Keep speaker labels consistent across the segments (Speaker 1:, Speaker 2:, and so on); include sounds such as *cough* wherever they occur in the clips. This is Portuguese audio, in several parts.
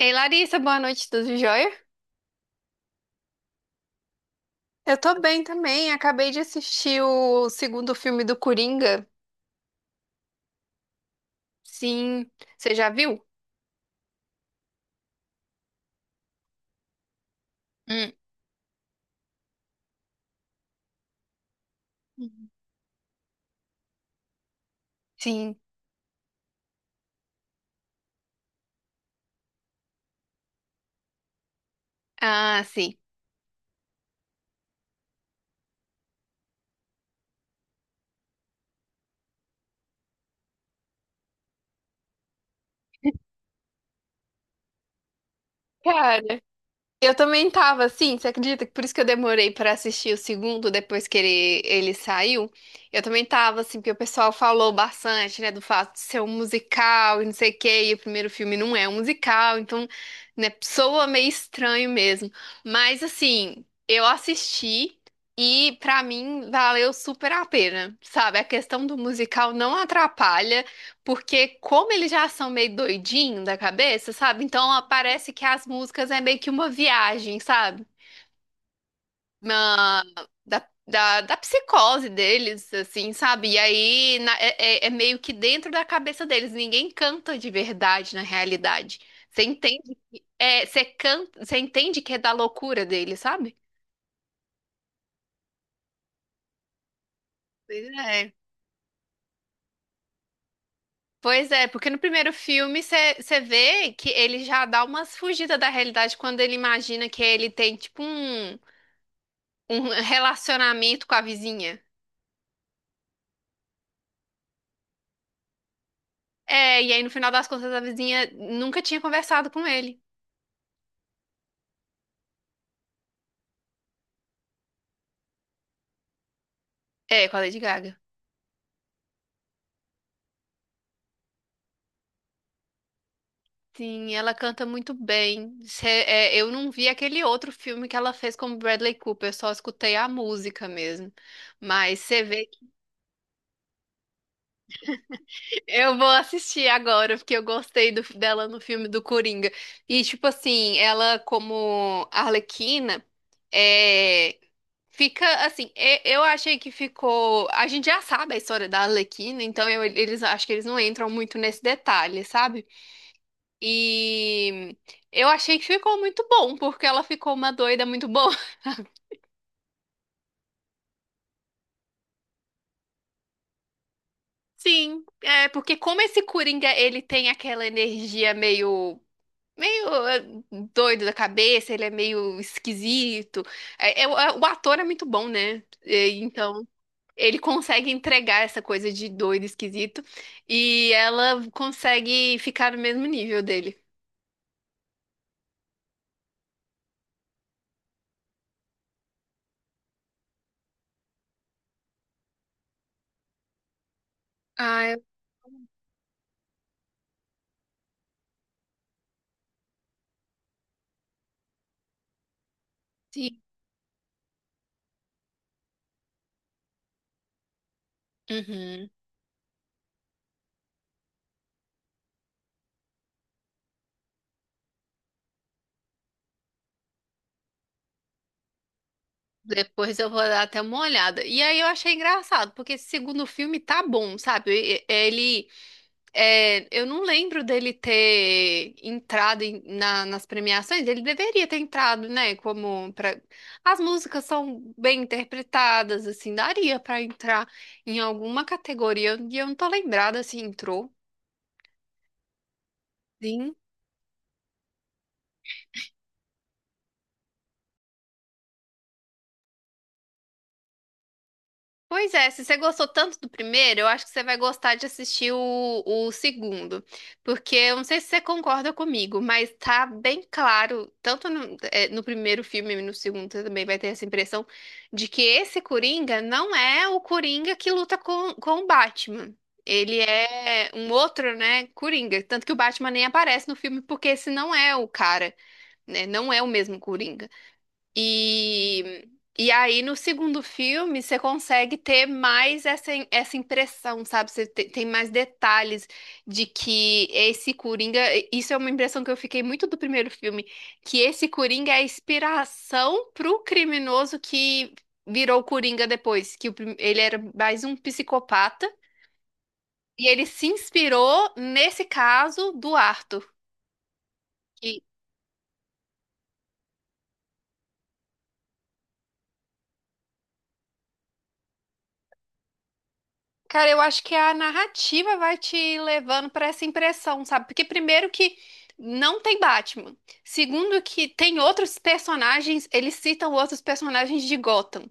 Speaker 1: Ei, Larissa, boa noite, tudo jóia? Eu tô bem também, acabei de assistir o segundo filme do Coringa. Sim, você já viu? Hum. Uhum. Sim. Ah, sim. Cara, eu também tava assim, você acredita que por isso que eu demorei pra assistir o segundo, depois que ele saiu? Eu também tava assim, porque o pessoal falou bastante, né, do fato de ser um musical e não sei o quê, e o primeiro filme não é um musical, então, né, soa meio estranho mesmo. Mas assim, eu assisti e pra mim valeu super a pena, sabe? A questão do musical não atrapalha, porque como eles já são meio doidinho da cabeça, sabe? Então parece que as músicas é meio que uma viagem, sabe? Na- da psicose deles, assim, sabe? E aí é meio que dentro da cabeça deles. Ninguém canta de verdade na realidade. Você entende que é, você canta, você entende que é da loucura deles, sabe? Pois é. Pois é, porque no primeiro filme você vê que ele já dá umas fugidas da realidade quando ele imagina que ele tem, tipo, um relacionamento com a vizinha. É, e aí no final das contas a vizinha nunca tinha conversado com ele. É, com a Lady Gaga. Sim, ela canta muito bem. Eu não vi aquele outro filme que ela fez com o Bradley Cooper, só escutei a música mesmo. Mas você vê que eu vou assistir agora, porque eu gostei dela no filme do Coringa. E, tipo assim, ela como Arlequina. é, Fica assim, eu achei que ficou. A gente já sabe a história da Arlequina, então eles acho que eles não entram muito nesse detalhe, sabe? E eu achei que ficou muito bom, porque ela ficou uma doida muito boa. *laughs* Sim, é porque como esse Coringa, ele tem aquela energia meio doido da cabeça, ele é meio esquisito. O ator é muito bom, né? É. Então ele consegue entregar essa coisa de doido, esquisito, e ela consegue ficar no mesmo nível dele. Ah, eu sim. Uhum. Depois eu vou dar até uma olhada. E aí eu achei engraçado, porque esse segundo filme tá bom, sabe? Ele, é, eu não lembro dele ter entrado nas premiações. Ele deveria ter entrado, né? Como pra... As músicas são bem interpretadas, assim, daria pra entrar em alguma categoria. E eu não tô lembrada se entrou. Sim. Pois é, se você gostou tanto do primeiro, eu acho que você vai gostar de assistir o segundo. Porque eu não sei se você concorda comigo, mas tá bem claro, tanto no primeiro filme e no segundo, você também vai ter essa impressão de que esse Coringa não é o Coringa que luta com o Batman. Ele é um outro, né, Coringa. Tanto que o Batman nem aparece no filme, porque esse não é o cara, né? Não é o mesmo Coringa. E, e aí, no segundo filme, você consegue ter mais essa impressão, sabe? Você tem mais detalhes de que esse Coringa. Isso é uma impressão que eu fiquei muito do primeiro filme, que esse Coringa é a inspiração pro criminoso que virou o Coringa depois, que o ele era mais um psicopata. E ele se inspirou nesse caso do Arthur. Cara, eu acho que a narrativa vai te levando para essa impressão, sabe? Porque primeiro que não tem Batman. Segundo que tem outros personagens, eles citam outros personagens de Gotham.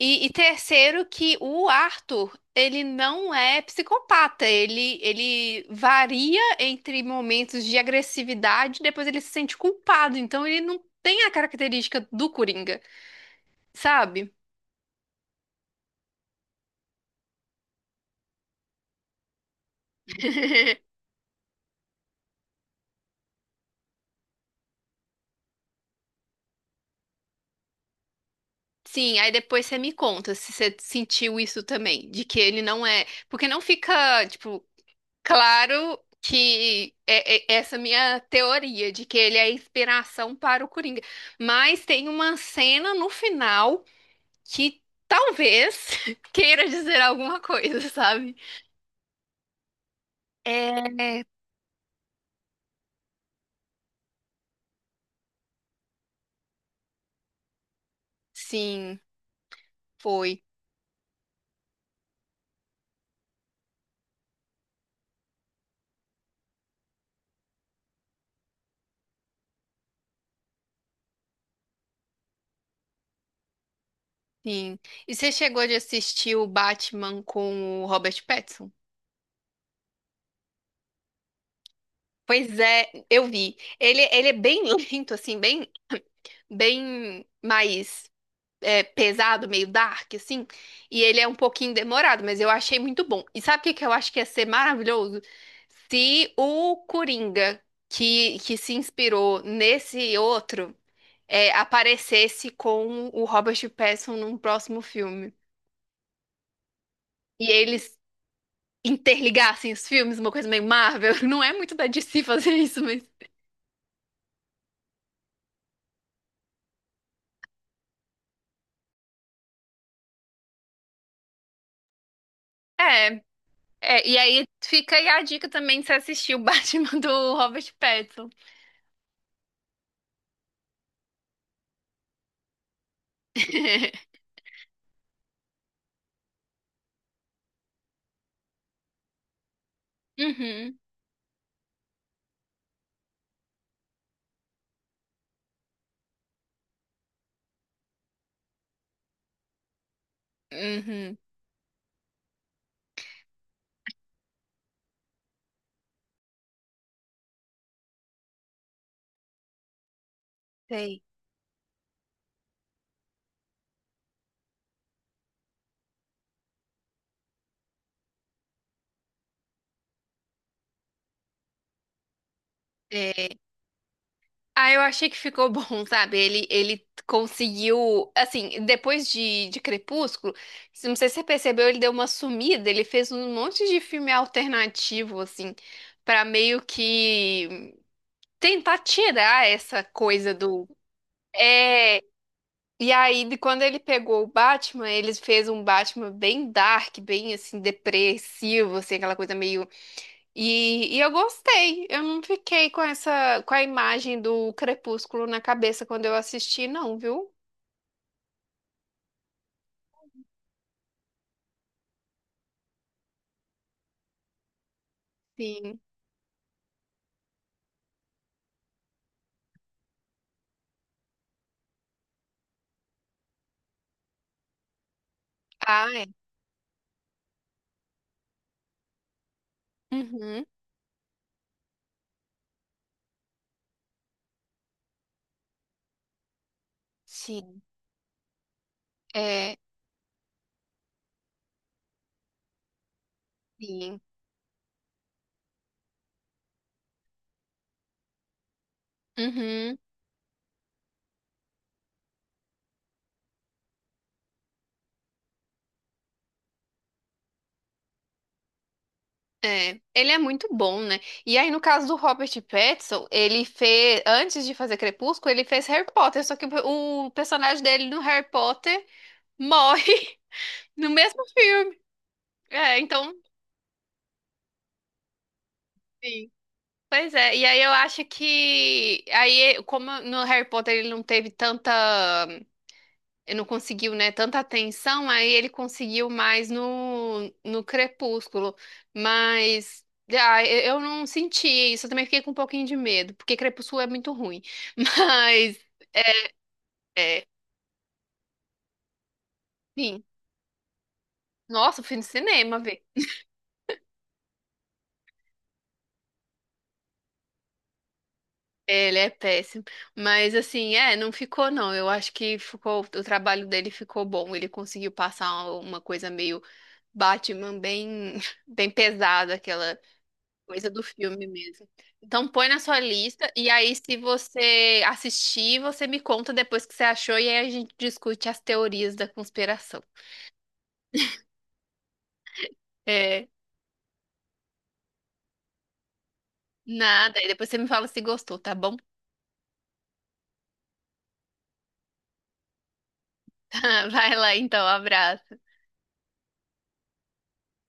Speaker 1: E terceiro que o Arthur, ele não é psicopata, ele varia entre momentos de agressividade, depois ele se sente culpado, então ele não tem a característica do Coringa, sabe? *laughs* Sim, aí depois você me conta se você sentiu isso também, de que ele não é. Porque não fica, tipo, claro que é essa minha teoria de que ele é a inspiração para o Coringa. Mas tem uma cena no final que talvez *laughs* queira dizer alguma coisa, sabe? É, sim, foi, sim. E você chegou de assistir o Batman com o Robert Pattinson? Pois é, eu vi. Ele é bem *laughs* lento, assim, bem mais é, pesado, meio dark, assim. E ele é um pouquinho demorado, mas eu achei muito bom. E sabe o que que eu acho que ia ser maravilhoso? Se o Coringa, que se inspirou nesse outro, é, aparecesse com o Robert Pattinson num próximo filme. E eles interligassem os filmes, uma coisa meio Marvel. *laughs* Não é muito da DC fazer isso, mas. É, e aí fica aí a dica também de você assistir o *laughs* Batman do Robert Pattinson. *laughs* Uhum, uhum, sei. É. Ah, eu achei que ficou *laughs* bom, sabe? Ele conseguiu, assim, depois de Crepúsculo, não sei se você percebeu, ele deu uma sumida, ele fez um monte de filme alternativo, assim, pra meio que tentar tirar essa coisa do... É, e aí, de quando ele pegou o Batman, ele fez um Batman bem dark, bem, assim, depressivo, assim, aquela coisa meio e eu gostei. Eu não fiquei com essa, com a imagem do crepúsculo na cabeça quando eu assisti, não, viu? Sim. Ah, é. Uhum. Sim. É, sim. Uhum. É. Ele é muito bom, né? E aí, no caso do Robert Pattinson, ele fez, antes de fazer Crepúsculo, ele fez Harry Potter, só que o personagem dele no Harry Potter morre *laughs* no mesmo filme. É, então. Sim. Pois é, e aí eu acho que aí como no Harry Potter ele não teve tanta, ele não conseguiu, né, tanta atenção, aí ele conseguiu mais no Crepúsculo, mas ah, eu não senti isso, eu também fiquei com um pouquinho de medo, porque Crepúsculo é muito ruim. *laughs* Mas é, sim, nossa, fui no cinema ver. Ele é péssimo, mas assim, é, não ficou não. Eu acho que ficou, o trabalho dele ficou bom. Ele conseguiu passar uma coisa meio Batman bem, *laughs* bem pesado, aquela coisa do filme mesmo. Então põe na sua lista e aí se você assistir, você me conta depois o que você achou e aí a gente discute as teorias da conspiração. É, nada, e depois você me fala se gostou, tá bom? *laughs* Vai lá então, abraço.